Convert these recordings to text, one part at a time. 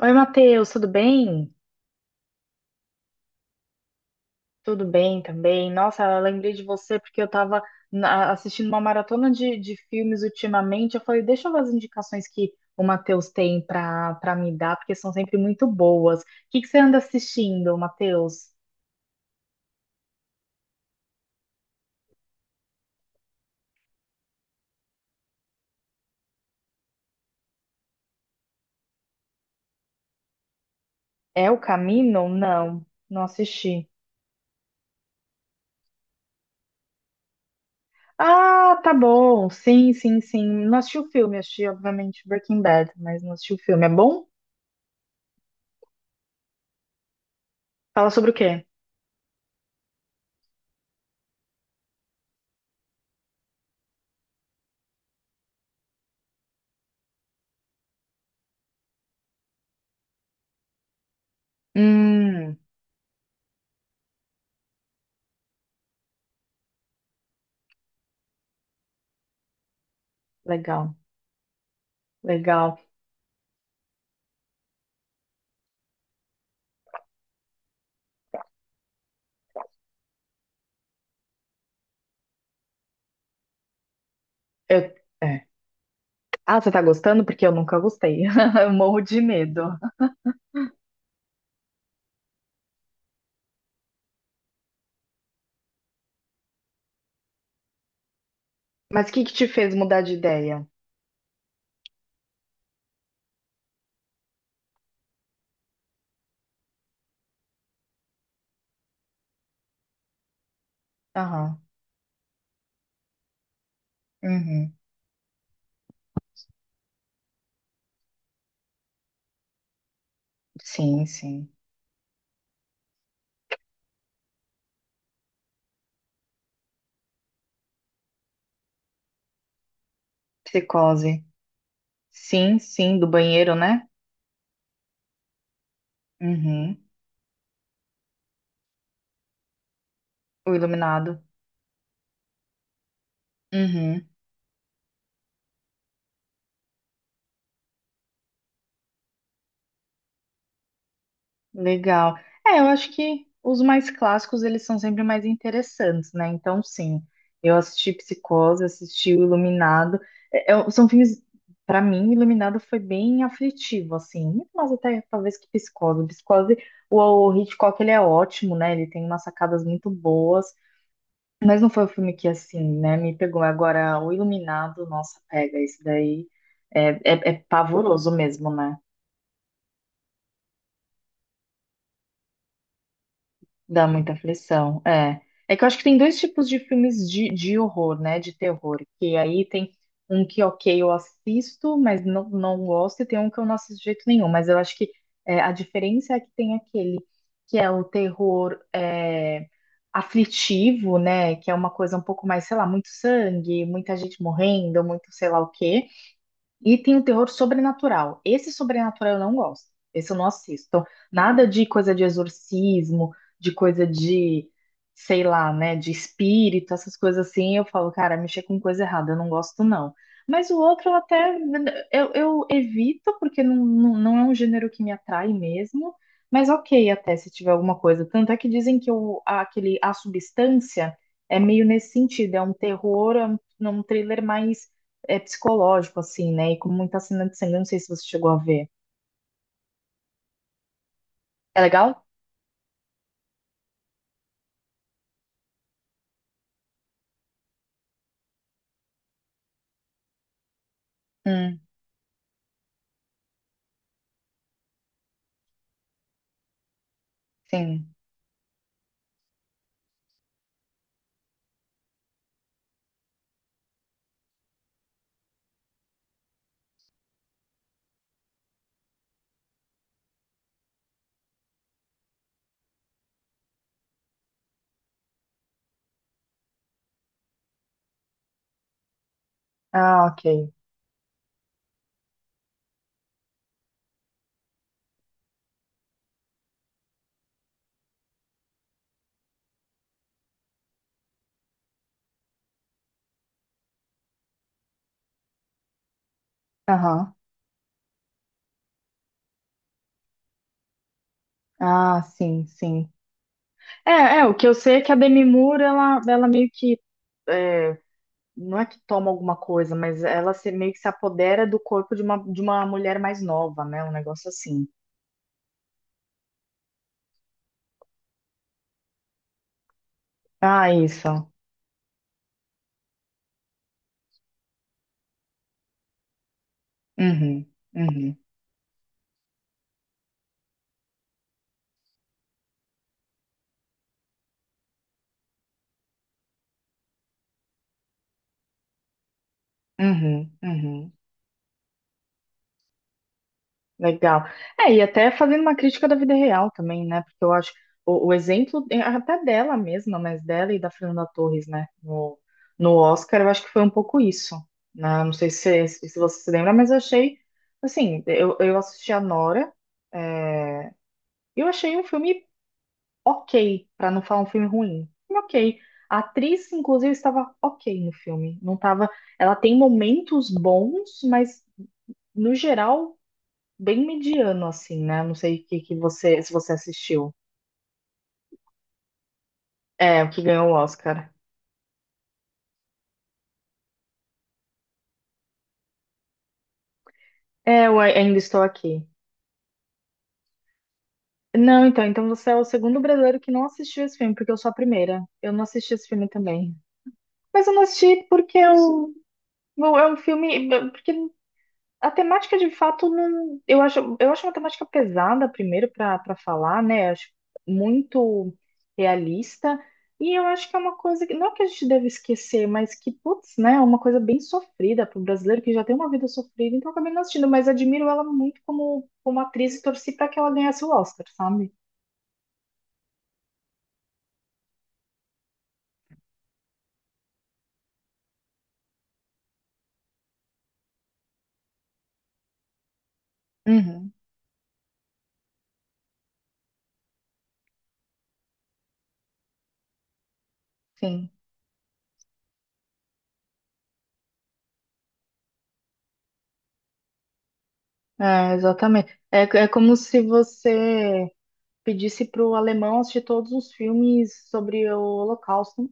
Oi, Matheus, tudo bem? Tudo bem também. Nossa, eu lembrei de você porque eu estava assistindo uma maratona de filmes ultimamente. Eu falei, deixa eu ver as indicações que o Matheus tem para me dar, porque são sempre muito boas. O que você anda assistindo, Matheus? É o Camino? Não, não assisti. Ah, tá bom. Sim, sim, sim. Não assisti o filme, assisti, obviamente, Breaking Bad, mas não assisti o filme. É bom? Fala sobre o quê? Hum. Legal, legal. Eu. É. Ah, você tá gostando? Porque eu nunca gostei. Eu morro de medo. Mas o que que te fez mudar de ideia? Aham. Uhum. Sim, sim. Psicose. Sim, sim, do banheiro, né? Uhum. O iluminado. Uhum. Legal. É, eu acho que os mais clássicos eles são sempre mais interessantes, né? Então, sim, eu assisti Psicose, assisti o Iluminado. É, são filmes, pra mim, Iluminado foi bem aflitivo, assim, muito mais até talvez que Psicose. Psicose, o, o Hitchcock ele é ótimo, né? Ele tem umas sacadas muito boas, mas não foi o filme que assim, né? Me pegou. Agora, o Iluminado, nossa, pega, esse daí é, é pavoroso mesmo, né? Dá muita aflição, é. É que eu acho que tem dois tipos de filmes de horror, né? De terror. Que aí tem um que, ok, eu assisto, mas não gosto, e tem um que eu não assisto de jeito nenhum. Mas eu acho que é, a diferença é que tem aquele que é o terror é, aflitivo, né? Que é uma coisa um pouco mais, sei lá, muito sangue, muita gente morrendo, muito sei lá o quê. E tem o terror sobrenatural. Esse sobrenatural eu não gosto. Esse eu não assisto. Então, nada de coisa de exorcismo, de coisa de, sei lá, né, de espírito, essas coisas assim. Eu falo, cara, mexer com coisa errada, eu não gosto, não. Mas o outro eu até eu evito, porque não é um gênero que me atrai mesmo. Mas ok, até se tiver alguma coisa. Tanto é que dizem que aquele, a substância é meio nesse sentido, é um terror, é um thriller mais é psicológico, assim, né? E com muita cena de sangue, eu não sei se você chegou a ver. É legal? Hum, sim. Ah, ok. Aham. Ah, sim, sim. É, é, o que eu sei é que a Demi Moore, ela meio que, é, não é que toma alguma coisa, mas ela meio que se apodera do corpo de uma mulher mais nova, né? Um negócio assim. Ah, isso. Uhum, uhum, uhum, uhum. Legal. É, e até fazendo uma crítica da vida real também, né? Porque eu acho o exemplo é até dela mesma, mas dela e da Fernanda Torres, né? No, no Oscar, eu acho que foi um pouco isso, né? Não sei se você se lembra, mas eu achei, assim, eu assisti a Nora, é, e eu achei um filme ok, pra não falar um filme ruim. Um ok. A atriz, inclusive, estava ok no filme. Não tava, ela tem momentos bons, mas no geral bem mediano, assim, né? Não sei o que você, se você assistiu. É, o que ganhou o Oscar. É, eu ainda estou aqui. Não, então você é o segundo brasileiro que não assistiu esse filme, porque eu sou a primeira. Eu não assisti esse filme também. Mas eu não assisti porque é um filme. Porque a temática de fato não, eu acho uma temática pesada primeiro para falar, né? Acho muito realista e eu acho que é uma coisa que não que a gente deve esquecer, mas que putz, né, é uma coisa bem sofrida para o brasileiro que já tem uma vida sofrida, então eu acabei não assistindo, mas admiro ela muito como atriz e torci para que ela ganhasse o Oscar, sabe? Uhum, sim. É, exatamente. É, é como se você pedisse para o alemão assistir todos os filmes sobre o Holocausto.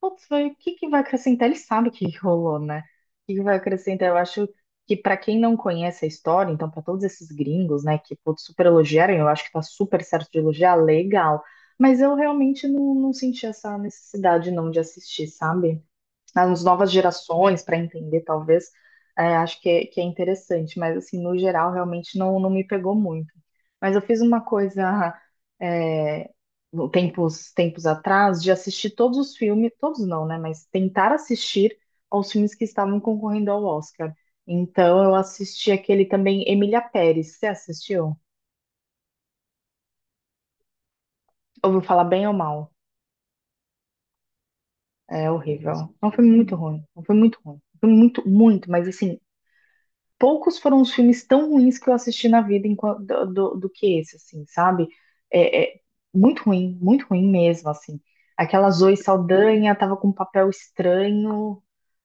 Putz, vai, o que que vai acrescentar? Ele sabe o que que rolou, né? O que que vai acrescentar? Eu acho que para quem não conhece a história, então para todos esses gringos, né, que putz, super elogiaram, eu acho que tá super certo de elogiar, legal. Mas eu realmente não senti essa necessidade não de assistir, sabe? Nas novas gerações, para entender, talvez, é, acho que é interessante, mas assim, no geral, realmente não me pegou muito. Mas eu fiz uma coisa é, tempos, tempos atrás de assistir todos os filmes, todos não, né? Mas tentar assistir aos filmes que estavam concorrendo ao Oscar. Então eu assisti aquele também, Emília Pérez. Você assistiu? Ouviu falar bem ou mal? É horrível. É um filme muito ruim. É um filme muito ruim. Um filme muito, muito, mas assim, poucos foram os filmes tão ruins que eu assisti na vida do que esse, assim, sabe? É, é muito ruim mesmo, assim. Aquela Zoe Saldanha tava com um papel estranho,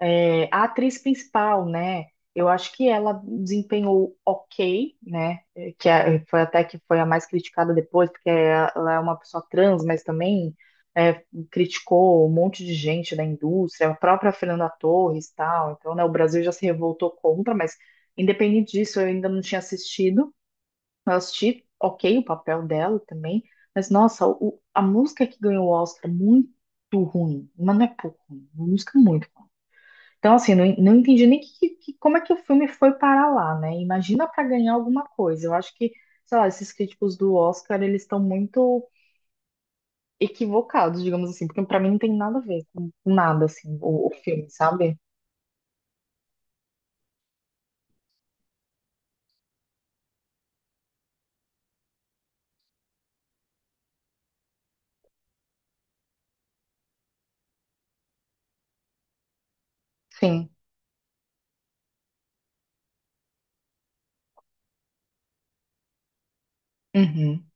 é, a atriz principal, né? Eu acho que ela desempenhou ok, né? Que foi até que foi a mais criticada depois, porque ela é uma pessoa trans, mas também eh, criticou um monte de gente da indústria, a própria Fernanda Torres, e tal. Então, né? O Brasil já se revoltou contra, mas independente disso, eu ainda não tinha assistido. Eu assisti, ok, o papel dela também, mas nossa, a música que ganhou o Oscar muito ruim, mas não é pouco ruim, música é muito então, assim, não entendi nem como é que o filme foi parar lá, né? Imagina para ganhar alguma coisa. Eu acho que, sei lá, esses críticos do Oscar, eles estão muito equivocados, digamos assim, porque para mim não tem nada a ver com nada, assim, o filme, sabe? Sim. Uhum.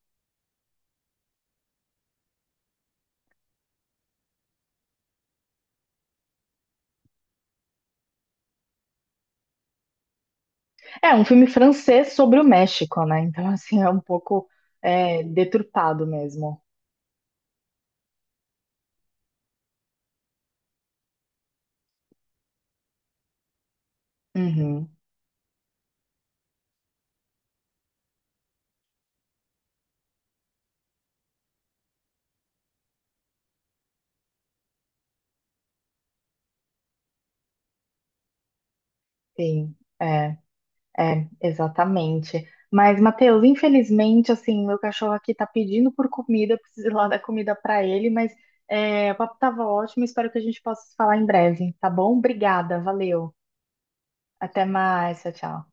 É um filme francês sobre o México, né? Então, assim, é um pouco é, deturpado mesmo. Uhum. Sim. É. É, exatamente. Mas, Matheus, infelizmente, assim, meu cachorro aqui tá pedindo por comida, eu preciso ir lá dar comida pra ele, mas é, o papo tava ótimo, espero que a gente possa se falar em breve, tá bom? Obrigada, valeu. Até mais, tchau, tchau.